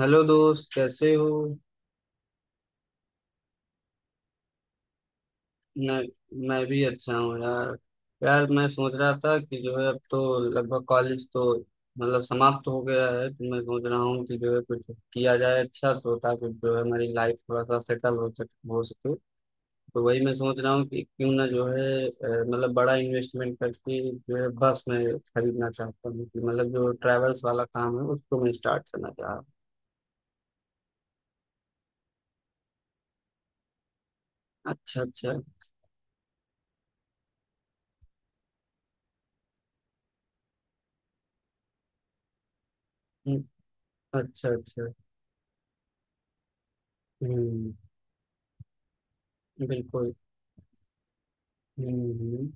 Hello दोस्त, कैसे हो? मैं मैं भी अच्छा हूँ यार। यार, मैं सोच रहा था कि जो है अब तो लगभग कॉलेज तो मतलब समाप्त हो गया है, तो मैं सोच रहा हूँ कि जो है कुछ किया जाए अच्छा, तो ताकि जो है हमारी लाइफ थोड़ा सा सेटल हो सक हो सके। तो वही मैं सोच रहा हूँ कि क्यों ना जो है मतलब बड़ा इन्वेस्टमेंट करके जो है बस मैं खरीदना चाहता हूँ कि मतलब जो ट्रैवल्स वाला काम है उसको मैं स्टार्ट करना चाह रहा हूँ। अच्छा अच्छा। हम्म। अच्छा अच्छा। हम्म। बिल्कुल। हम्म, हम्म।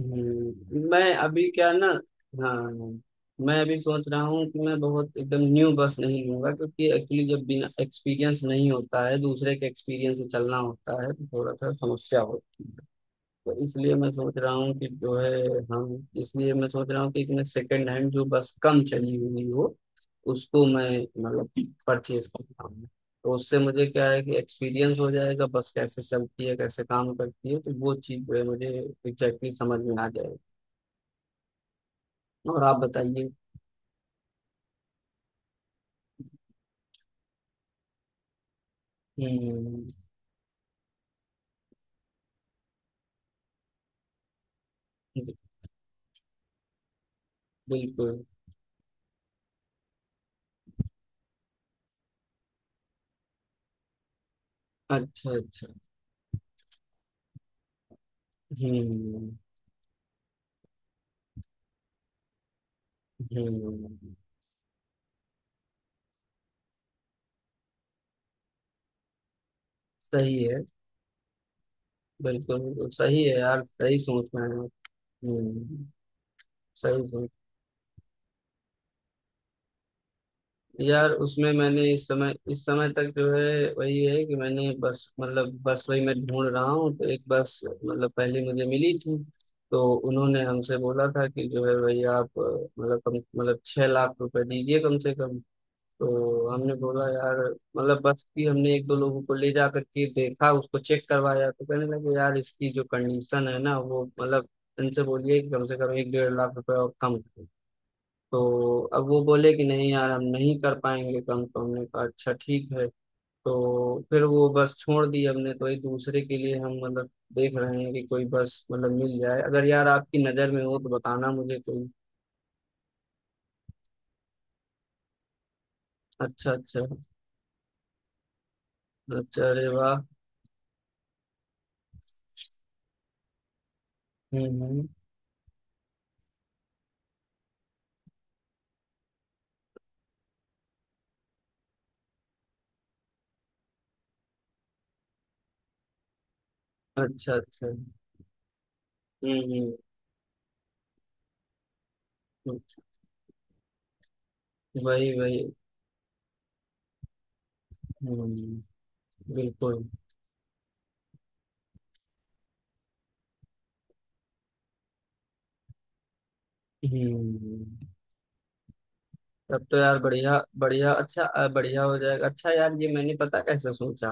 हम्म। मैं अभी क्या ना हाँ, मैं अभी सोच रहा हूँ कि मैं बहुत एकदम न्यू बस नहीं लूंगा क्योंकि एक्चुअली जब बिना एक्सपीरियंस नहीं होता है दूसरे के एक्सपीरियंस से चलना होता है तो थोड़ा सा समस्या होती है। तो इसलिए मैं सोच रहा हूँ कि जो है हम इसलिए मैं सोच रहा हूँ कि एक मैं सेकंड हैंड जो बस कम चली हुई हो उसको मैं मतलब परचेज करता हूँ। तो उससे मुझे क्या है कि एक्सपीरियंस हो जाएगा, बस कैसे चलती है कैसे काम करती है, तो वो चीज़ जो है मुझे एग्जैक्टली समझ में आ जाएगी। और आप बताइए। हम्म। बिल्कुल। अच्छा अच्छा। हम्म। हम्म। सही है। बिल्कुल बिल्कुल सही है यार, सही सोच में है। हम्म। सही सोच। यार उसमें मैंने इस समय तक जो है वही है कि मैंने बस मतलब बस वही मैं ढूंढ रहा हूँ। तो एक बस मतलब पहले मुझे मिली थी, तो उन्होंने हमसे बोला था कि जो है भाई आप मतलब कम मतलब 6 लाख रुपए दीजिए कम से कम। तो हमने बोला यार मतलब बस की हमने एक दो लोगों को ले जा करके देखा उसको चेक करवाया तो कहने लगे यार इसकी जो कंडीशन है ना वो मतलब इनसे बोलिए कि कम से कम एक डेढ़ लाख रुपए और कम करें। तो अब वो बोले कि नहीं यार हम नहीं कर पाएंगे कम, तो हमने कहा अच्छा ठीक है। तो फिर वो बस छोड़ दी हमने, तो एक दूसरे के लिए हम मतलब देख रहे हैं कि कोई बस मतलब मिल जाए। अगर यार आपकी नज़र में हो तो बताना मुझे कोई। अच्छा अच्छा। अच्छा, अरे वाह। हम्म। अच्छा अच्छा। हम्म। हम्म। वही वही। हम्म। बिल्कुल। हम्म। तब तो यार बढ़िया बढ़िया, अच्छा बढ़िया हो जाएगा। अच्छा यार, ये मैंने पता कैसे सोचा।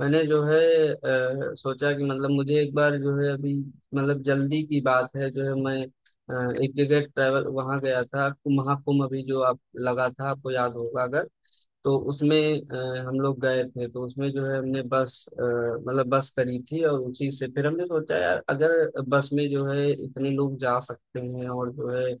मैंने जो है सोचा कि मतलब मुझे एक बार जो है अभी मतलब जल्दी की बात है जो है मैं एक जगह ट्रैवल वहाँ गया था, महाकुंभ अभी जो आप लगा था, आपको याद होगा अगर। तो उसमें हम लोग गए थे तो उसमें जो है हमने बस अ, मतलब बस करी थी, और उसी से फिर हमने सोचा यार अगर बस में जो है इतने लोग जा सकते हैं और जो है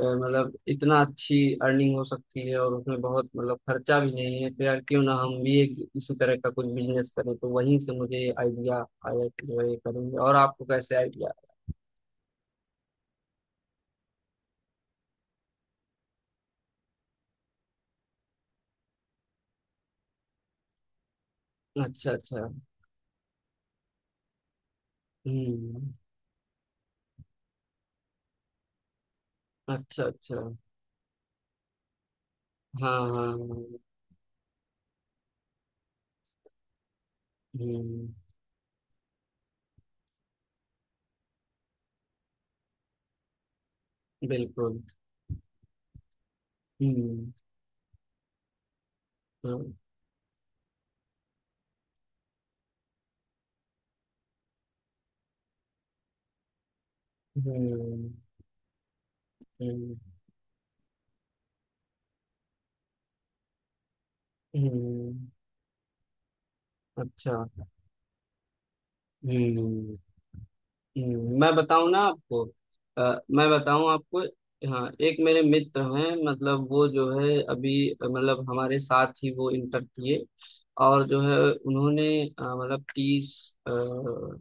मतलब इतना अच्छी अर्निंग हो सकती है और उसमें बहुत मतलब खर्चा भी नहीं है, तो यार क्यों ना हम भी एक इसी तरह का कुछ बिजनेस करें। तो वहीं से मुझे आइडिया आया कि जो है ये करेंगे। और आपको कैसे आइडिया? अच्छा अच्छा। हम्म। अच्छा अच्छा। हाँ हाँ हाँ। हम्म। बिल्कुल। हम्म। हाँ। हम्म। हम्म, हम्म। अच्छा। हम्म। मैं बताऊं ना आपको। मैं बताऊं आपको। हाँ, एक मेरे मित्र हैं मतलब वो जो है अभी मतलब हमारे साथ ही वो इंटर किए, और जो है उन्होंने मतलब तीस अ,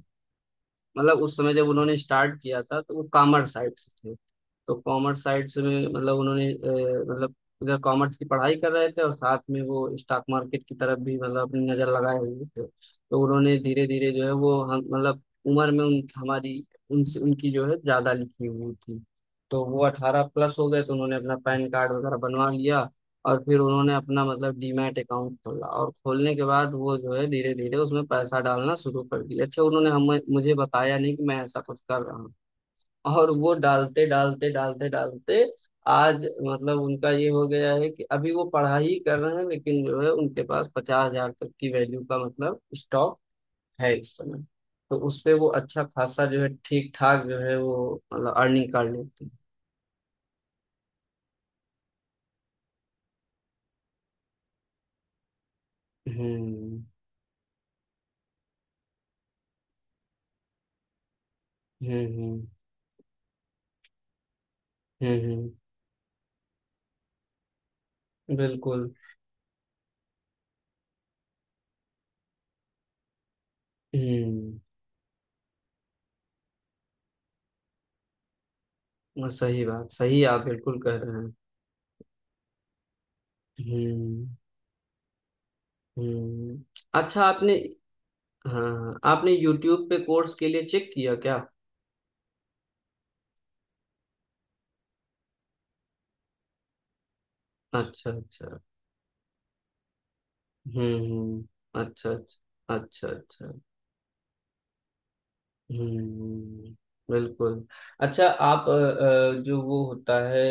मतलब उस समय जब उन्होंने स्टार्ट किया था तो वो कॉमर्स साइड से थे। तो कॉमर्स साइड से में मतलब उन्होंने मतलब इधर कॉमर्स की पढ़ाई कर रहे थे और साथ में वो स्टॉक मार्केट की तरफ भी मतलब अपनी नजर लगाए हुए थे। तो उन्होंने धीरे धीरे जो है वो हम मतलब उम्र में उन हमारी उनसे उनकी जो है ज्यादा लिखी हुई थी। तो वो 18+ हो गए तो उन्होंने अपना पैन कार्ड वगैरह बनवा लिया, और फिर उन्होंने अपना मतलब डीमैट अकाउंट खोला और खोलने के बाद वो जो है धीरे धीरे उसमें पैसा डालना शुरू कर दिया। अच्छा उन्होंने हमें मुझे बताया नहीं कि मैं ऐसा कुछ कर रहा हूँ। और वो डालते डालते डालते डालते आज मतलब उनका ये हो गया है कि अभी वो पढ़ाई कर रहे हैं लेकिन जो है उनके पास 50 हजार तक की वैल्यू का मतलब स्टॉक है इस समय। तो उस पे वो अच्छा खासा जो है ठीक ठाक जो है वो मतलब अर्निंग कर लेते हैं। हम्म हम्म। हम्म। बिल्कुल। हम्म। वो सही बात, सही आप बिल्कुल कह रहे हैं। हम्म हम्म। अच्छा, आपने। हाँ, आपने YouTube पे कोर्स के लिए चेक किया क्या? अच्छा अच्छा। हम्म। अच्छा अच्छा। अच्छा अच्छा। हम्म। बिल्कुल। अच्छा आप जो वो होता है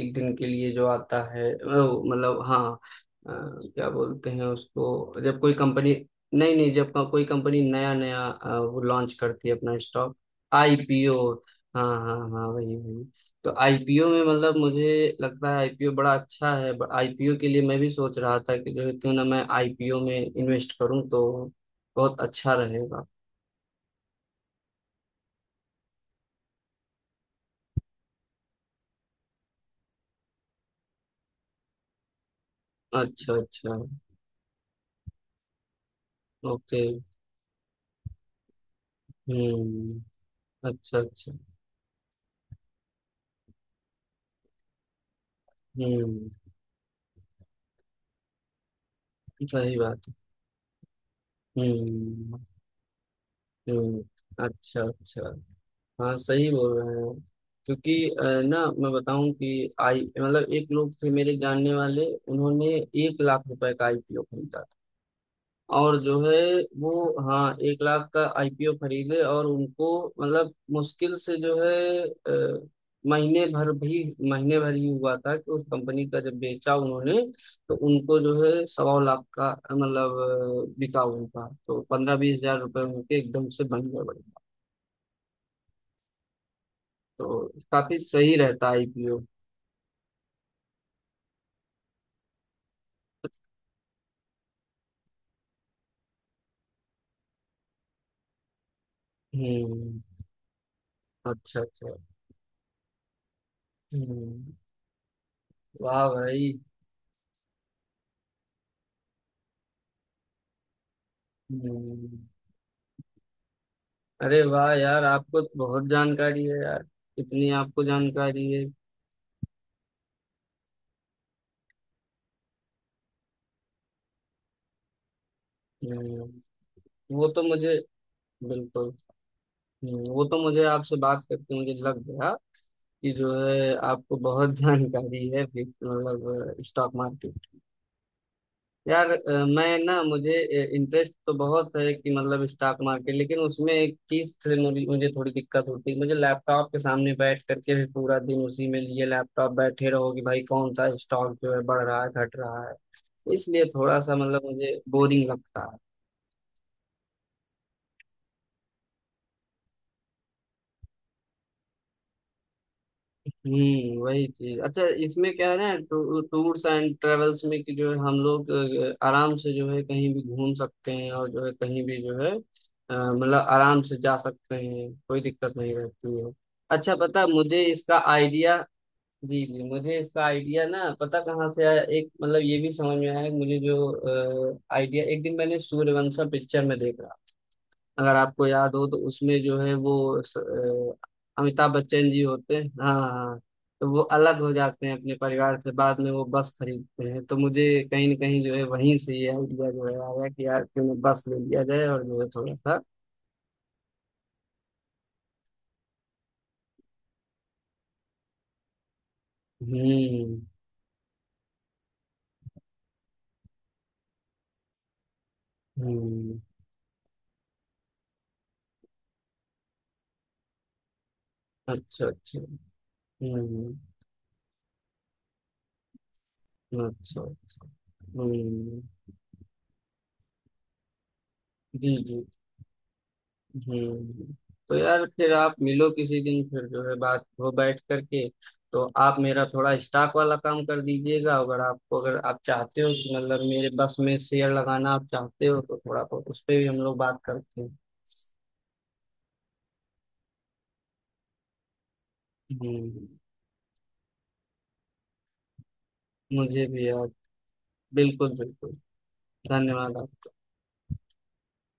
एक दिन के लिए जो आता है वो, मतलब हाँ क्या बोलते हैं उसको जब कोई कंपनी? नहीं नहीं, जब कोई कंपनी नया नया वो लॉन्च करती है अपना स्टॉक। आईपीओ। हाँ हाँ हाँ, वही वही। तो आईपीओ में मतलब मुझे लगता है आईपीओ बड़ा अच्छा है, आईपीओ के लिए मैं भी सोच रहा था कि जो है क्यों ना मैं आईपीओ में इन्वेस्ट करूँ, तो बहुत अच्छा रहेगा। अच्छा अच्छा। ओके। हम्म। अच्छा अच्छा। हम्म। सही बात है। हम्म हम्म। अच्छा अच्छा। हाँ सही बोल रहे हैं आप। क्योंकि ना मैं बताऊं कि आई मतलब एक लोग थे मेरे जानने वाले उन्होंने 1 लाख रुपए का आईपीओ खरीदा और जो है वो हाँ, 1 लाख का आईपीओ खरीदे और उनको मतलब मुश्किल से जो है अ, महीने भर भी महीने भर ही हुआ था कि उस कंपनी का जब बेचा उन्होंने, तो उनको जो है 1.25 लाख का बिका उनका, तो 15-20 हजार रुपये उनके एकदम से बन गए, बढ़िया। तो काफी सही रहता आईपीओ। हम्म। अच्छा अच्छा। हम्म। वाह भाई। हम्म। अरे वाह यार, आपको तो बहुत जानकारी है यार, इतनी आपको जानकारी है। हम्म, वो तो मुझे बिल्कुल। वो तो मुझे आपसे बात करके मुझे लग गया कि जो है आपको बहुत जानकारी है भी- मतलब स्टॉक मार्केट। यार मैं ना मुझे इंटरेस्ट तो बहुत है कि मतलब स्टॉक मार्केट, लेकिन उसमें एक चीज से मुझे मुझे थोड़ी दिक्कत होती है। मुझे लैपटॉप के सामने बैठ करके भी पूरा दिन उसी में लिए लैपटॉप बैठे रहो कि भाई कौन सा स्टॉक जो है बढ़ रहा है घट रहा है, इसलिए थोड़ा सा मतलब मुझे बोरिंग लगता है। हम्म, वही चीज। अच्छा इसमें क्या है ना, टूर्स एंड ट्रेवल्स में कि जो है हम लोग आराम से जो है कहीं भी घूम सकते हैं और जो है कहीं भी जो है मतलब आराम से जा सकते हैं, कोई दिक्कत नहीं रहती है। अच्छा पता है, मुझे इसका आइडिया। जी जी, मुझे इसका आइडिया ना पता कहाँ से आया। एक मतलब ये भी समझ में आया मुझे, जो आइडिया एक दिन मैंने सूर्यवंशम पिक्चर में देखा अगर आपको याद हो। तो उसमें जो है वो अ, अमिताभ बच्चन जी होते हैं, हाँ हाँ। तो वो अलग हो जाते हैं अपने परिवार से बाद में वो बस खरीदते हैं, तो मुझे कहीं ना कहीं जो है वहीं से ये आइडिया जो है आया कि यार क्यों ना बस ले लिया जाए, और जो है थोड़ा सा। हम्म हम्म। अच्छा अच्छा। हम्म। अच्छा। हम्म। जी जी। हम्म। तो यार फिर आप मिलो किसी दिन फिर जो है बात हो बैठ करके। तो आप मेरा थोड़ा स्टॉक वाला काम कर दीजिएगा, अगर आप चाहते हो कि मतलब मेरे बस में शेयर लगाना आप चाहते हो तो थोड़ा बहुत उस पे भी हम लोग बात करते हैं। हम्म। मुझे भी यार। बिल्कुल बिल्कुल। धन्यवाद।